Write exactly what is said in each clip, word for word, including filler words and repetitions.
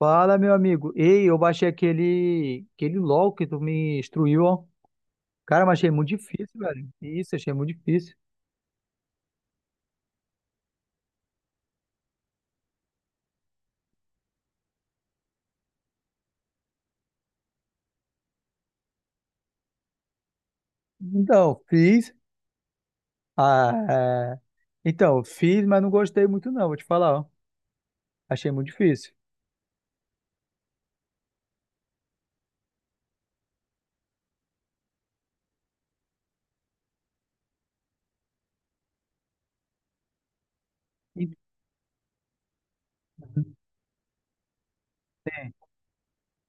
Fala, meu amigo. Ei, eu baixei aquele, aquele LOL que tu me instruiu, ó. Cara, mas achei muito difícil, velho. Isso, achei muito difícil. Então, fiz. Ah, é. Então, fiz, mas não gostei muito, não, vou te falar, ó. Achei muito difícil.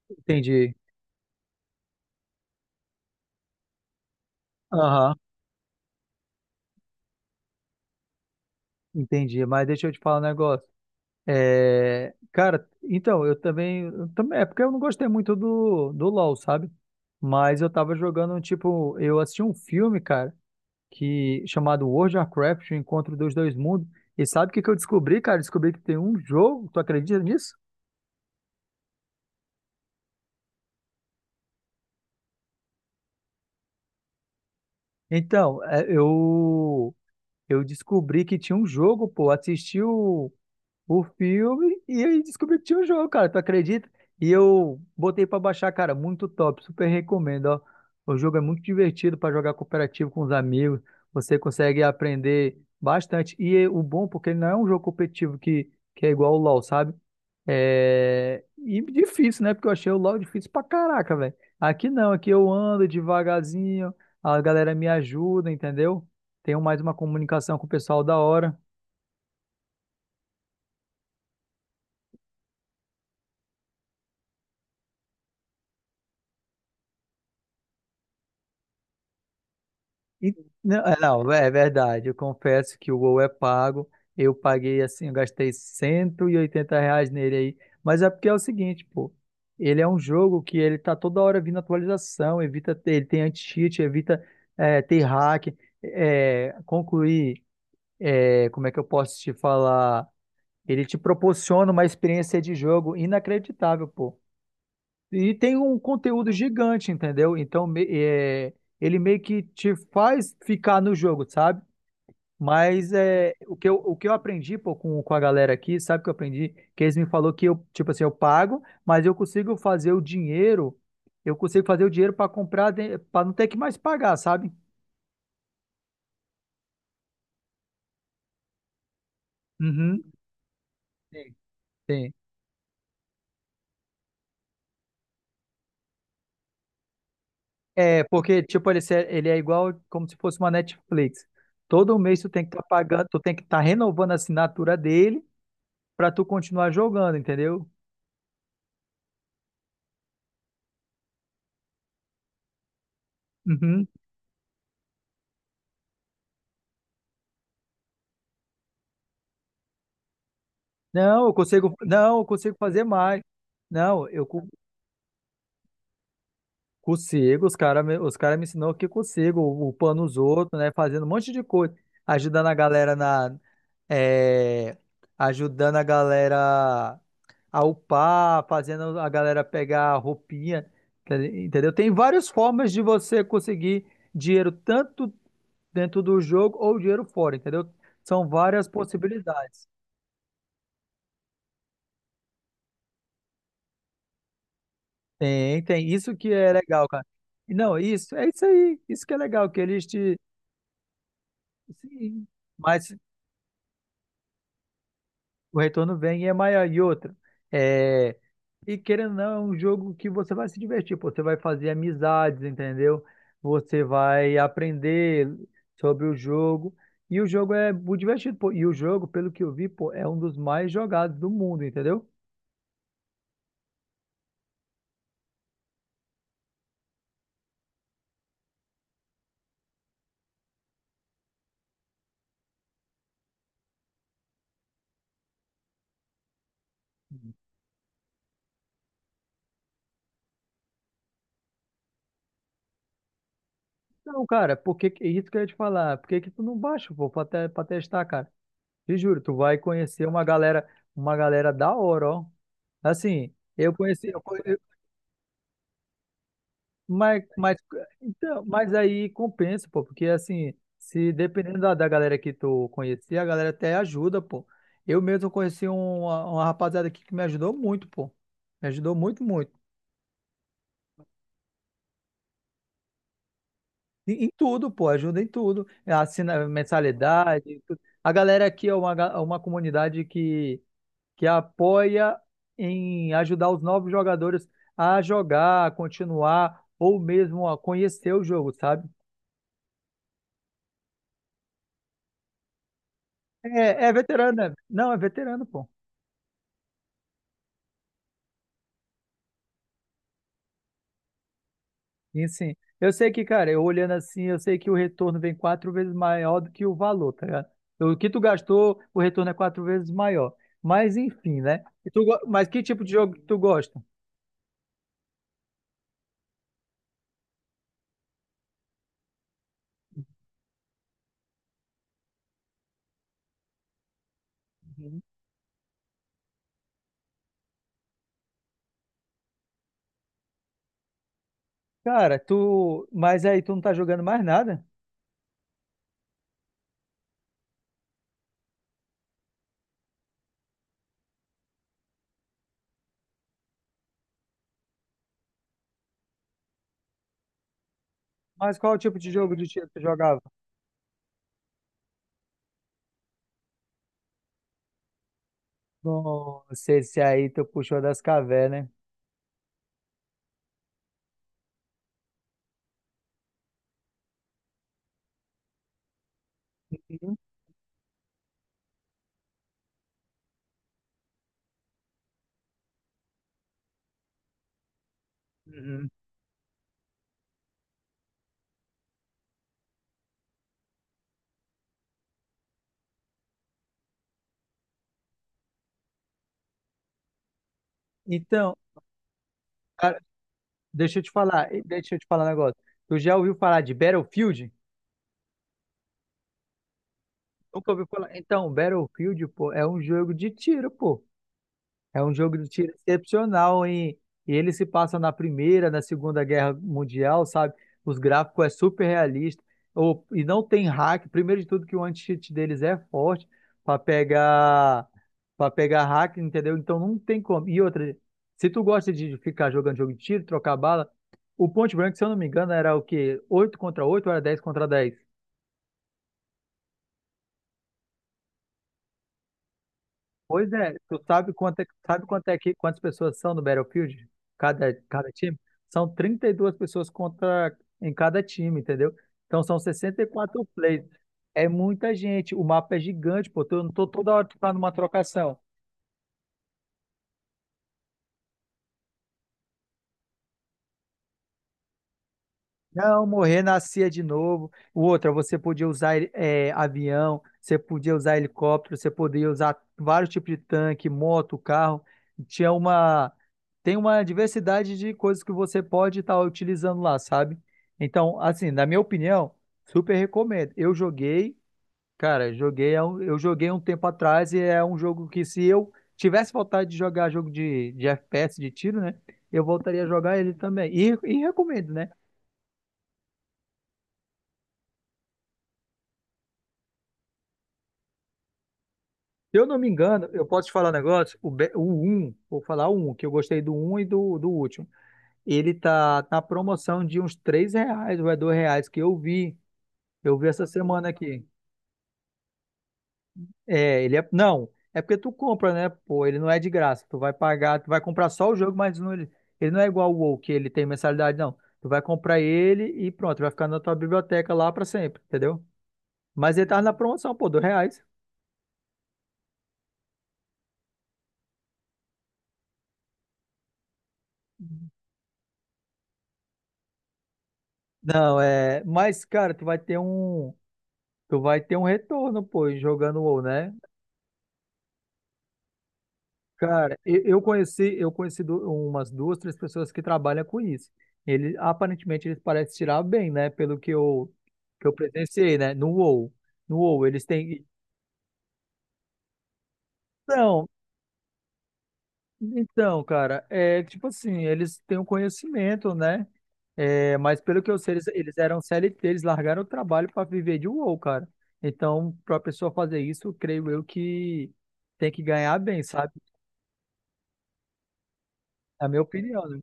Entendi. Aham, entendi. Mas deixa eu te falar um negócio. É, cara, então, eu também, eu também. É porque eu não gostei muito do, do LOL, sabe? Mas eu tava jogando, tipo, eu assisti um filme, cara. Que chamado World of Warcraft, o Encontro dos Dois Mundos. E sabe o que que eu descobri, cara? Descobri que tem um jogo, tu acredita nisso? Então, é, eu eu descobri que tinha um jogo, pô, assisti o, o filme e aí descobri que tinha um jogo, cara. Tu acredita? E eu botei pra baixar, cara. Muito top. Super recomendo, ó. O jogo é muito divertido pra jogar cooperativo com os amigos. Você consegue aprender bastante. E é o bom, porque ele não é um jogo competitivo que, que é igual o LoL, sabe? É... E difícil, né? Porque eu achei o LoL difícil pra caraca, velho. Aqui não, aqui eu ando devagarzinho, a galera me ajuda, entendeu? Tenho mais uma comunicação com o pessoal da hora. E- Não, é não, é verdade. Eu confesso que o Gol é pago. Eu paguei assim, eu gastei cento e oitenta reais nele aí. Mas é porque é o seguinte, pô. Ele é um jogo que ele tá toda hora vindo atualização, evita ter, ele tem anti-cheat, evita é, ter hack, é, concluir, é, como é que eu posso te falar? Ele te proporciona uma experiência de jogo inacreditável, pô. E tem um conteúdo gigante, entendeu? Então, me- é, ele meio que te faz ficar no jogo, sabe? Mas é, o que eu, o que eu aprendi pô, com, com a galera aqui, sabe o que eu aprendi? Que eles me falou que eu, tipo assim, eu pago, mas eu consigo fazer o dinheiro, eu consigo fazer o dinheiro para comprar, para não ter que mais pagar, sabe? Uhum. Sim, sim. É, porque, tipo, ele, se- ele é igual como se fosse uma Netflix. Todo mês tu tem que estar pagando, tu tem que estar renovando a assinatura dele pra tu continuar jogando, entendeu? Uhum. Não, eu consigo, não, eu consigo fazer mais. Não, eu co- consigo, os caras me, os cara me ensinou que eu consigo, upando os outros, né, fazendo um monte de coisa, ajudando a galera na, é, ajudando a galera a upar, fazendo a galera pegar a roupinha, tá li- entendeu? Tem várias formas de você conseguir dinheiro tanto dentro do jogo ou dinheiro fora, entendeu? São várias possibilidades. Tem, tem. Isso que é legal, cara. E Não, isso, é isso aí. Isso que é legal, que eles te. Sim, mas o retorno vem e é maior. E outra, é, e querendo ou não, é um jogo que você vai se divertir, pô. Você vai fazer amizades, entendeu? Você vai aprender sobre o jogo. E o jogo é muito divertido, pô. E o jogo, pelo que eu vi, pô, é um dos mais jogados do mundo, entendeu? Não, cara, por que, que- isso que eu ia te falar? Por que que tu não baixa, pô, pra, te- pra testar, cara? Te juro, tu vai conhecer uma galera, uma galera da hora, ó. Assim, eu conheci, eu conhe- eu- mas, mas, então, mas aí compensa, pô, porque assim, se dependendo da, da galera que tu conhecer, a galera até ajuda, pô. Eu mesmo conheci um, uma, uma rapaziada aqui que me ajudou muito, pô. Me ajudou muito, muito. Em, em tudo, pô, ajuda em tudo. Assina mensalidade, em tudo. A galera aqui é uma, ga- uma comunidade que que apoia em ajudar os novos jogadores a jogar, a continuar ou mesmo a conhecer o jogo, sabe? É, é veterano, né? Não, é veterano, pô. E sim, eu sei que, cara, eu olhando assim, eu sei que o retorno vem quatro vezes maior do que o valor, tá ligado? O que tu gastou, o retorno é quatro vezes maior. Mas enfim, né? E tu, go- mas que tipo de jogo que tu gosta? Uhum. Cara, tu. Mas aí tu não tá jogando mais nada? Mas qual tipo de jogo de tiro tu jogava? Nossa, esse aí tu puxou das cavernas, né? Uhum. né? Então, cara, deixa eu te falar, e deixa eu te falar um negócio. Tu já ouviu falar de Battlefield? Nunca ouviu falar? Então, Battlefield, pô, é um jogo de tiro, pô. É um jogo de tiro excepcional, hein? E ele se passa na Primeira, na Segunda Guerra Mundial, sabe? Os gráficos é super realista. Ou- e não tem hack. Primeiro de tudo que o anti-cheat deles é forte para pegar para pegar hack, entendeu? Então não tem como. E outra, se tu gosta de ficar jogando jogo de tiro, trocar bala, o Point Blank, se eu não me engano, era o quê? Oito contra oito ou era dez contra dez. Pois é, tu sabe quanto é, sabe quanto é que, quantas pessoas são no Battlefield? Cada, cada time? São trinta e duas pessoas contra em cada time, entendeu? Então são sessenta e quatro players. É muita gente. O mapa é gigante, pô. Tu- Eu não tô toda hora que tá numa trocação. Não, morrer, nascia de novo. O outro, você podia usar eh, avião, você podia usar helicóptero, você podia usar vários tipos de tanque, moto, carro. Tinha uma, tem uma diversidade de coisas que você pode estar utilizando lá, sabe? Então, assim, na minha opinião, super recomendo. Eu joguei, cara, joguei, há um- eu joguei um tempo atrás e é um jogo que se eu tivesse vontade de jogar jogo de, de F P S, de tiro, né? Eu voltaria a jogar ele também. E, e recomendo, né? Se eu não me engano, eu posso te falar um negócio, o, Be- o um, vou falar o um, que eu gostei do um e do, do último. Ele tá na promoção de uns três reais ou é dois reais que eu vi. Eu vi essa semana aqui. É, ele é. Não, é porque tu compra, né? Pô, ele não é de graça. Tu vai pagar, tu vai comprar só o jogo, mas não, ele, ele não é igual o WoW, que ele tem mensalidade, não. Tu vai comprar ele e pronto, vai ficar na tua biblioteca lá pra sempre, entendeu? Mas ele tá na promoção, pô, dois reais. Não, é. Mas, cara, tu vai ter um. Tu vai ter um retorno, pô, jogando WoW, né? Cara, eu, eu conheci, eu conheci du- umas duas, três pessoas que trabalham com isso. Ele, aparentemente, eles parecem tirar bem, né? Pelo que eu, que eu presenciei, né? No WoW. No WoW, eles têm. Então, então, cara, é tipo assim, eles têm um conhecimento, né? É, mas pelo que eu sei, eles, eles eram C L T eles largaram o trabalho para viver de WoW, cara. Então, pra pessoa fazer isso, creio eu que tem que ganhar bem, sabe? É a minha opinião, né?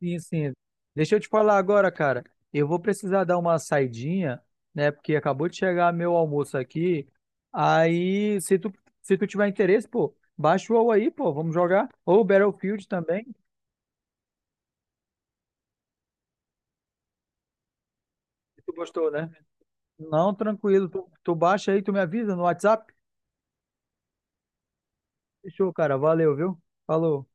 Sim, sim. Deixa eu te falar agora, cara. Eu vou precisar dar uma saidinha, né? Porque acabou de chegar meu almoço aqui. Aí, se tu, se tu tiver interesse, pô, baixa o WoW aí, pô, vamos jogar. Ou Battlefield também. se Tu gostou, né? Não, tranquilo. Tu, tu baixa aí, tu me avisa no WhatsApp. Fechou, cara. Valeu, viu? Falou.